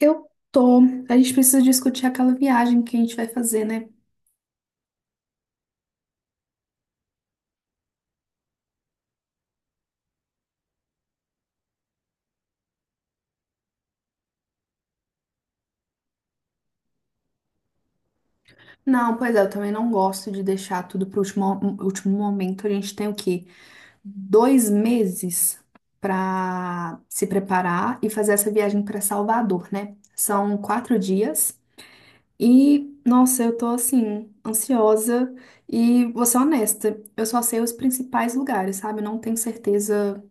Eu tô. A gente precisa discutir aquela viagem que a gente vai fazer, né? Não, pois é, eu também não gosto de deixar tudo pro último momento. A gente tem o quê? 2 meses pra se preparar e fazer essa viagem pra Salvador, né? São 4 dias e, nossa, eu tô assim, ansiosa e vou ser honesta, eu só sei os principais lugares, sabe? Eu não tenho certeza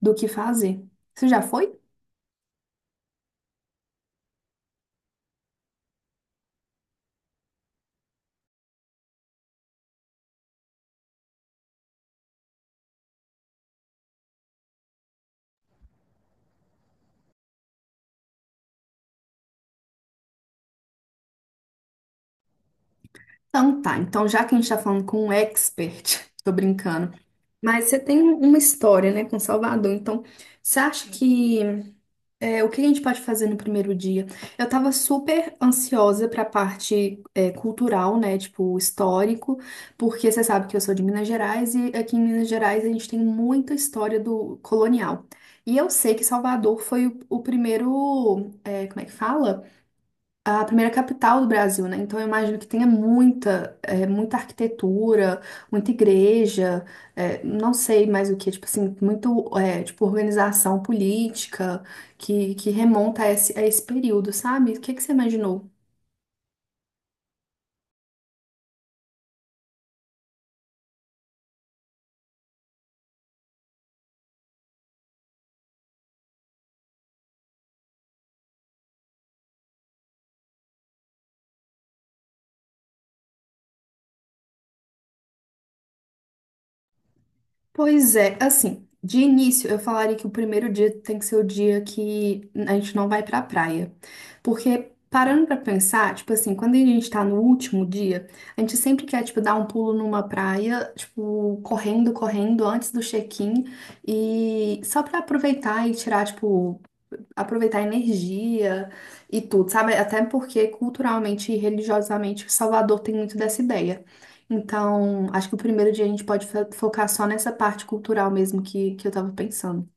do que fazer. Você já foi? Então tá, então já que a gente tá falando com um expert, tô brincando, mas você tem uma história, né, com Salvador, então você acha que o que a gente pode fazer no primeiro dia? Eu tava super ansiosa pra parte cultural, né, tipo histórico, porque você sabe que eu sou de Minas Gerais e aqui em Minas Gerais a gente tem muita história do colonial. E eu sei que Salvador foi o primeiro, como é que fala? A primeira capital do Brasil, né? Então eu imagino que tenha muita arquitetura, muita igreja, não sei mais o que, tipo assim, muito, tipo organização política que remonta a esse período, sabe? O que que você imaginou? Pois é, assim, de início eu falaria que o primeiro dia tem que ser o dia que a gente não vai pra praia. Porque parando pra pensar, tipo assim, quando a gente tá no último dia, a gente sempre quer, tipo, dar um pulo numa praia, tipo, correndo, correndo antes do check-in e só pra aproveitar e tirar, tipo, aproveitar a energia e tudo, sabe? Até porque culturalmente e religiosamente Salvador tem muito dessa ideia. Então, acho que o primeiro dia a gente pode focar só nessa parte cultural mesmo que eu tava pensando.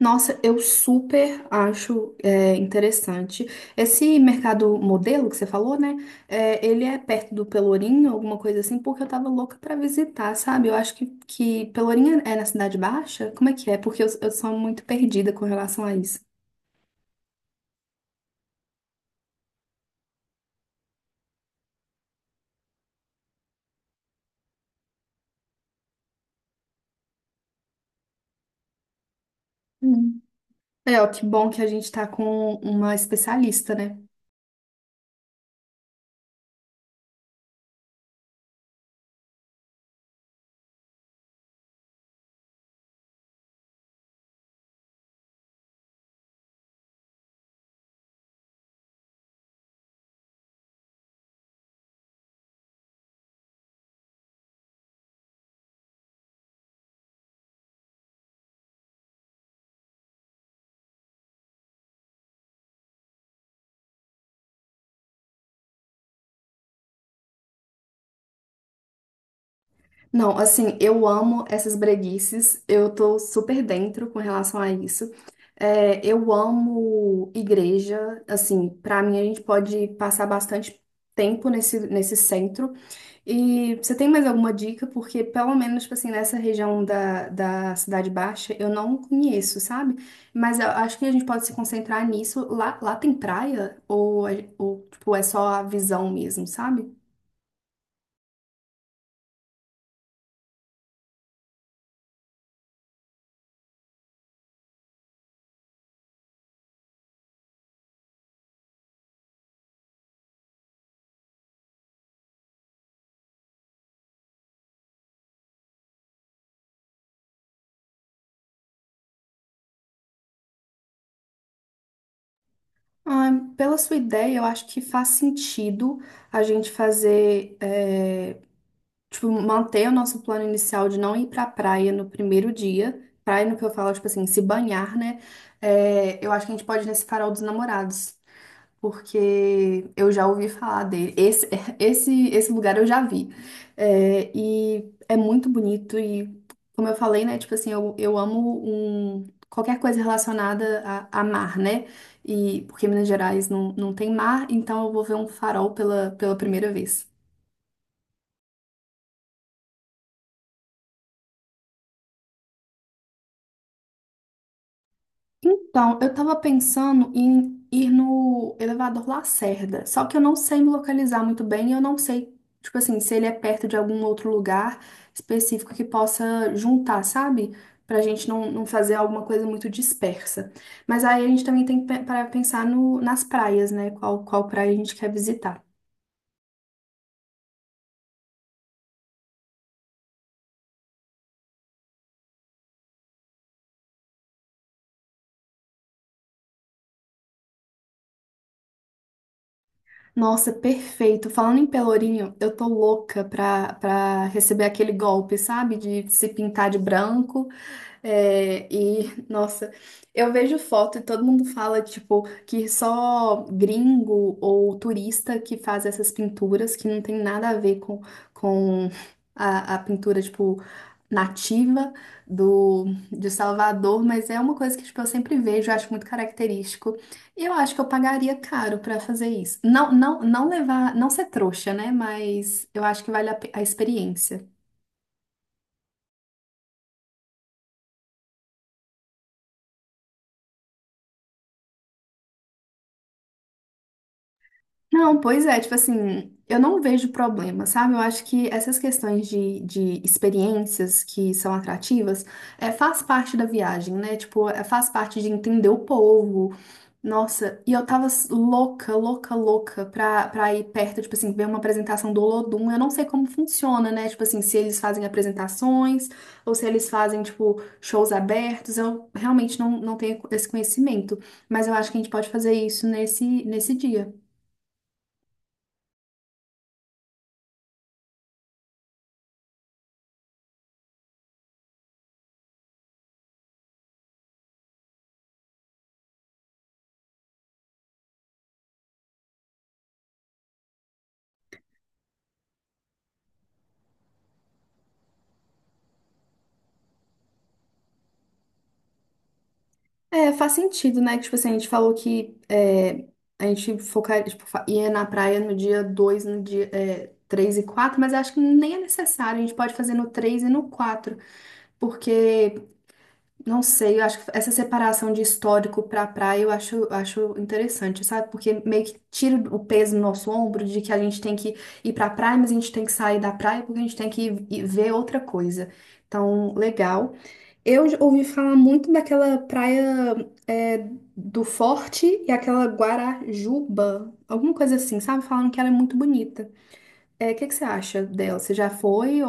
Nossa, eu super acho interessante. Esse mercado modelo que você falou, né? É, ele é perto do Pelourinho, alguma coisa assim, porque eu tava louca pra visitar, sabe? Eu acho que Pelourinho é na Cidade Baixa? Como é que é? Porque eu sou muito perdida com relação a isso. É, ó, que bom que a gente tá com uma especialista, né? Não, assim, eu amo essas breguices, eu tô super dentro com relação a isso. É, eu amo igreja, assim, pra mim a gente pode passar bastante tempo nesse centro. E você tem mais alguma dica? Porque pelo menos, tipo assim, nessa região da Cidade Baixa, eu não conheço, sabe? Mas eu acho que a gente pode se concentrar nisso. Lá tem praia? Ou, ou tipo, é só a visão mesmo, sabe? Ah, pela sua ideia, eu acho que faz sentido a gente fazer, tipo, manter o nosso plano inicial de não ir pra praia no primeiro dia. Praia no que eu falo, tipo assim, se banhar, né? É, eu acho que a gente pode ir nesse farol dos namorados porque eu já ouvi falar dele. Esse, esse lugar eu já vi. É, e é muito bonito e, como eu falei, né, tipo assim, eu amo um, qualquer coisa relacionada a mar, né? E porque Minas Gerais não tem mar, então eu vou ver um farol pela primeira vez. Então, eu tava pensando em ir no elevador Lacerda, só que eu não sei me localizar muito bem e eu não sei, tipo assim, se ele é perto de algum outro lugar específico que possa juntar, sabe? Pra gente não fazer alguma coisa muito dispersa. Mas aí a gente também tem que parar pra pensar no, nas praias, né? Qual praia a gente quer visitar. Nossa, perfeito. Falando em Pelourinho, eu tô louca pra receber aquele golpe, sabe? De se pintar de branco. É, e, nossa, eu vejo foto e todo mundo fala, tipo, que só gringo ou turista que faz essas pinturas, que não tem nada a ver com a pintura, tipo, nativa de Salvador, mas é uma coisa que, tipo, eu sempre vejo, eu acho muito característico. Eu acho que eu pagaria caro pra fazer isso. Não, não, não levar, não ser trouxa, né? Mas eu acho que vale a experiência. Não, pois é, tipo assim, eu não vejo problema, sabe? Eu acho que essas questões de experiências que são atrativas faz parte da viagem, né? Tipo, faz parte de entender o povo. Nossa, e eu tava louca, louca, louca pra ir perto, tipo assim, ver uma apresentação do Olodum. Eu não sei como funciona, né? Tipo assim, se eles fazem apresentações ou se eles fazem, tipo, shows abertos. Eu realmente não tenho esse conhecimento, mas eu acho que a gente pode fazer isso nesse dia. É, faz sentido, né? Que, tipo assim, a gente falou que a gente focar, tipo, ia na praia no dia dois, no dia 3 e quatro, mas eu acho que nem é necessário. A gente pode fazer no 3 e no 4 porque não sei, eu acho que essa separação de histórico pra praia eu acho interessante, sabe? Porque meio que tira o peso do nosso ombro de que a gente tem que ir pra praia, mas a gente tem que sair da praia porque a gente tem que ir ver outra coisa. Então, legal. Eu já ouvi falar muito daquela praia é, do Forte e aquela Guarajuba, alguma coisa assim, sabe? Falando que ela é muito bonita. É, o que que você acha dela? Você já foi?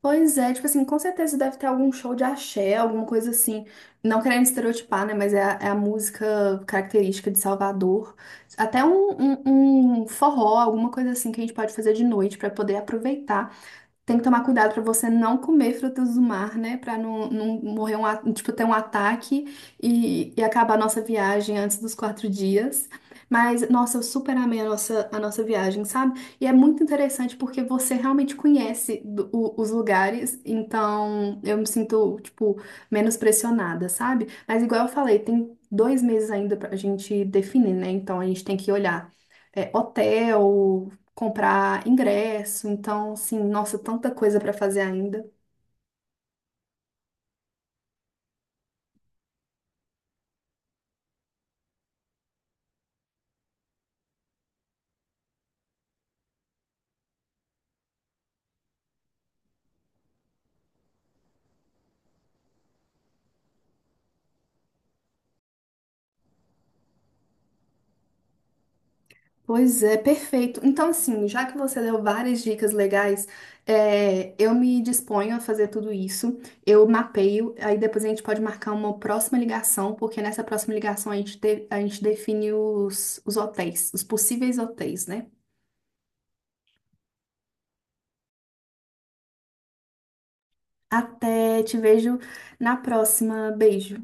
Pois é, tipo assim, com certeza deve ter algum show de axé, alguma coisa assim. Não querendo estereotipar, né? Mas é a música característica de Salvador. Até um forró, alguma coisa assim que a gente pode fazer de noite pra poder aproveitar. Tem que tomar cuidado para você não comer frutas do mar, né? Para não morrer tipo, ter um ataque e acabar a nossa viagem antes dos 4 dias. Mas, nossa, eu super amei a nossa viagem, sabe? E é muito interessante porque você realmente conhece os lugares, então eu me sinto, tipo, menos pressionada, sabe? Mas, igual eu falei, tem 2 meses ainda pra gente definir, né? Então a gente tem que olhar. Hotel, comprar ingresso, então, assim, nossa, tanta coisa para fazer ainda. Pois é, perfeito. Então, assim, já que você deu várias dicas legais, eu me disponho a fazer tudo isso. Eu mapeio, aí depois a gente pode marcar uma próxima ligação, porque nessa próxima ligação a gente define os hotéis, os possíveis hotéis, né? Até te vejo na próxima. Beijo.